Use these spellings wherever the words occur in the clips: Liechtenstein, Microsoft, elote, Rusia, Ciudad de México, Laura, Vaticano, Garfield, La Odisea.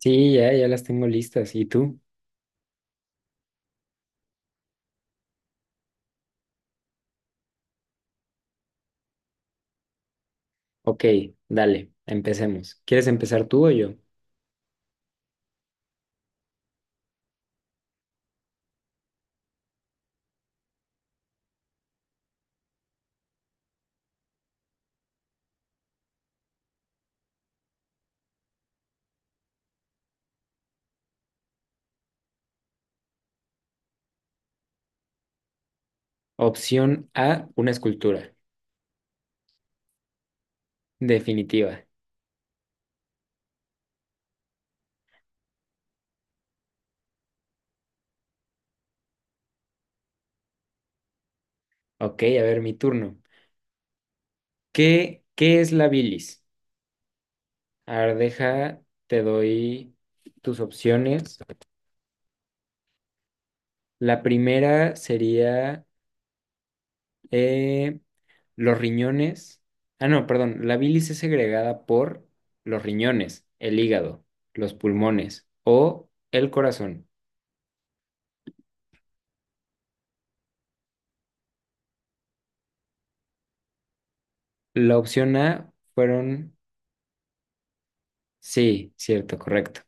Sí, ya, ya las tengo listas. ¿Y tú? Ok, dale, empecemos. ¿Quieres empezar tú o yo? Opción A, una escultura. Definitiva. Ok, a ver, mi turno. ¿Qué es la bilis? A ver, deja, te doy tus opciones. La primera sería eh, los riñones. Ah, no, perdón. La bilis es segregada por los riñones, el hígado, los pulmones o el corazón. La opción A fueron, sí, cierto, correcto.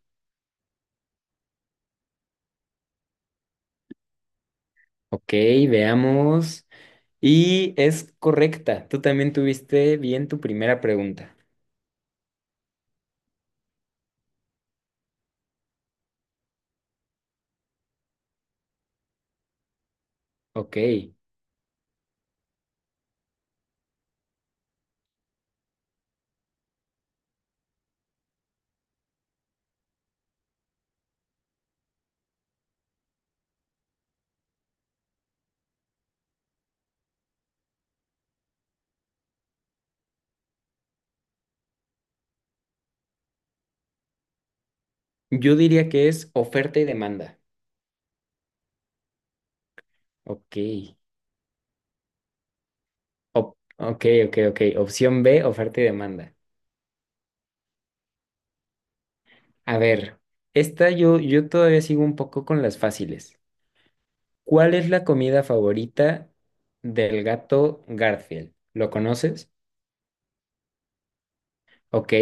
Ok, veamos. Y es correcta. Tú también tuviste bien tu primera pregunta. Ok, yo diría que es oferta y demanda. Ok, ok, ok, ok. Opción B, oferta y demanda. A ver, esta yo todavía sigo un poco con las fáciles. ¿Cuál es la comida favorita del gato Garfield? ¿Lo conoces? Ok,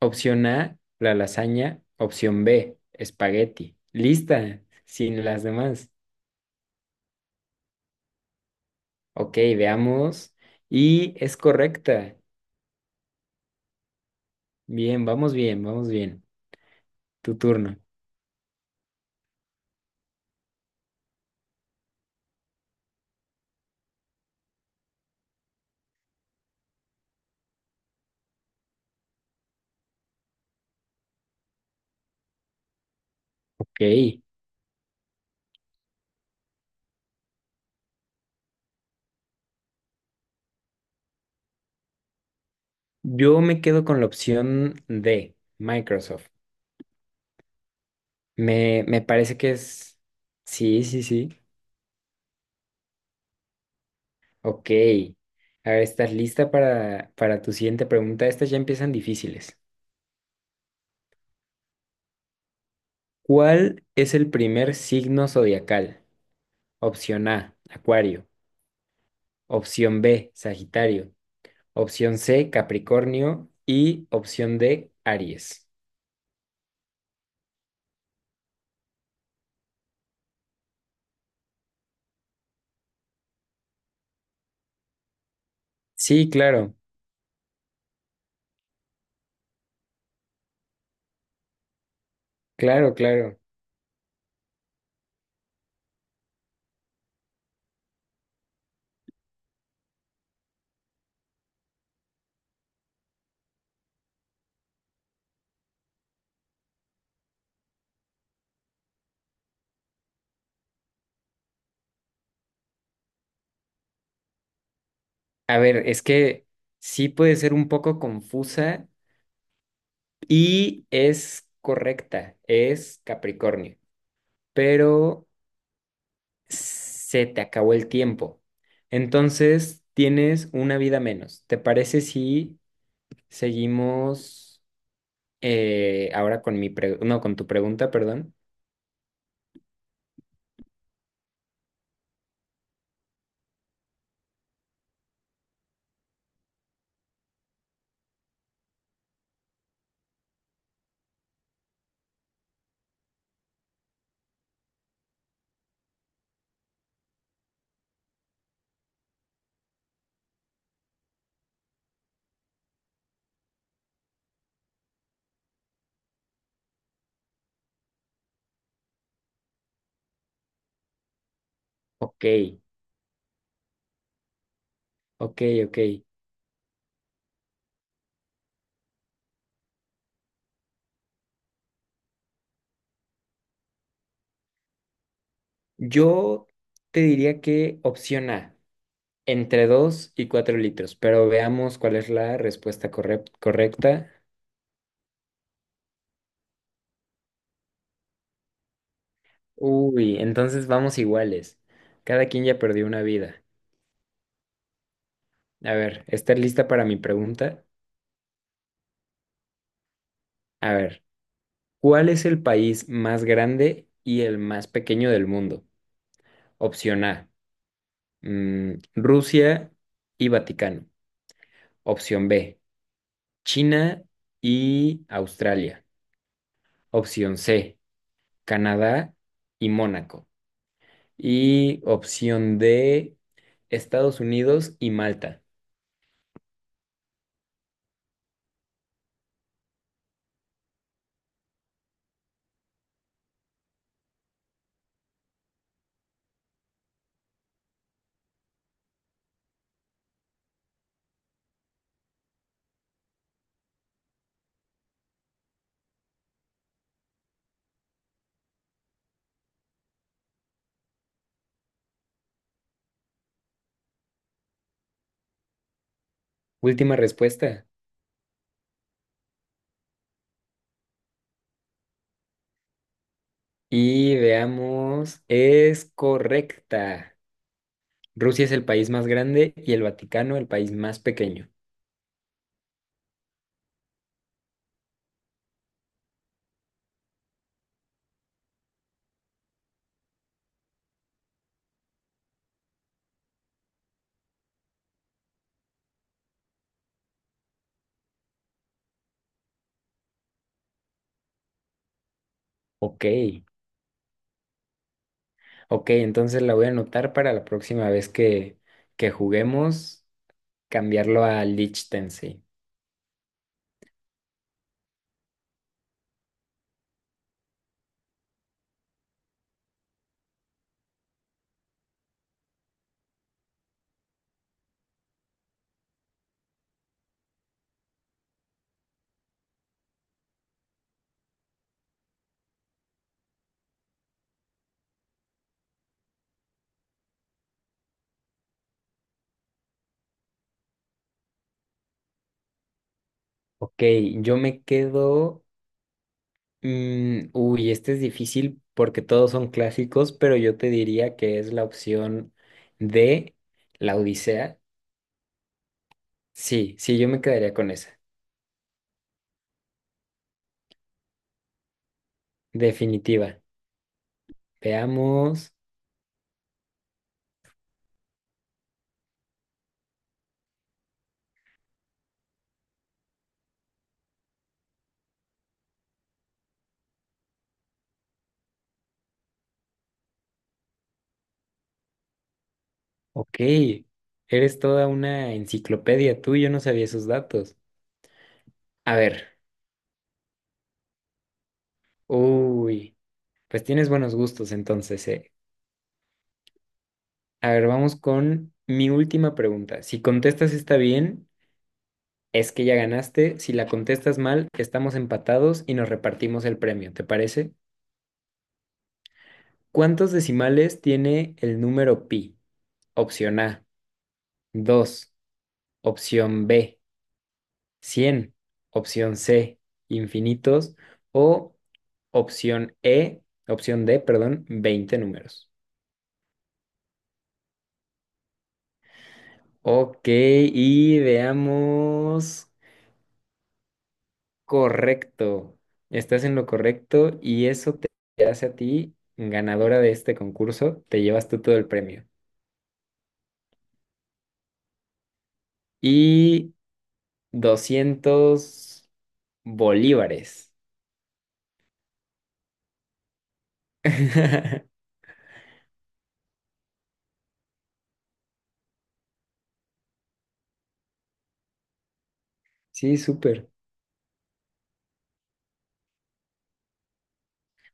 opción A, la lasaña. Opción B, espagueti. Lista, sin las demás. Ok, veamos. Y es correcta. Bien, vamos bien, vamos bien. Tu turno. Ok. Yo me quedo con la opción D, Microsoft. Me parece que es... Sí, sí, sí. Ok. A ver, ¿estás lista para tu siguiente pregunta? Estas ya empiezan difíciles. ¿Cuál es el primer signo zodiacal? Opción A, Acuario. Opción B, Sagitario. Opción C, Capricornio. Y opción D, Aries. Sí, claro, claro, claro. A ver, es que sí puede ser un poco confusa y es correcta, es Capricornio, pero se te acabó el tiempo. Entonces tienes una vida menos. ¿Te parece si seguimos ahora con mi no, con tu pregunta, perdón? Ok, ok, ok. Yo te diría que opción A, entre 2 y 4 litros, pero veamos cuál es la respuesta correcta. Uy, entonces vamos iguales. Cada quien ya perdió una vida. A ver, ¿estás lista para mi pregunta? A ver, ¿cuál es el país más grande y el más pequeño del mundo? Opción A, Rusia y Vaticano. Opción B, China y Australia. Opción C, Canadá y Mónaco. Y opción D, Estados Unidos y Malta. Última respuesta. Y veamos, es correcta. Rusia es el país más grande y el Vaticano el país más pequeño. Ok, ok, entonces la voy a anotar para la próxima vez que juguemos, cambiarlo a Liechtenstein. Ok, yo me quedo. Uy, este es difícil porque todos son clásicos, pero yo te diría que es la opción de La Odisea. Sí, sí, yo me quedaría con esa. Definitiva. Veamos. Ok, eres toda una enciclopedia tú, yo no sabía esos datos. A ver, uy, pues tienes buenos gustos entonces, ¿eh? A ver, vamos con mi última pregunta. Si contestas está bien. Es que ya ganaste, si la contestas mal, estamos empatados y nos repartimos el premio, ¿te parece? ¿Cuántos decimales tiene el número pi? Opción A, 2. Opción B, 100. Opción C, infinitos, o opción E, opción D, perdón, 20 números. Ok, y veamos. Correcto, estás en lo correcto y eso te hace a ti ganadora de este concurso, te llevas tú todo el premio. Y 200 bolívares. Sí, súper.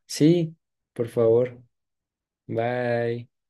Sí, por favor. Bye.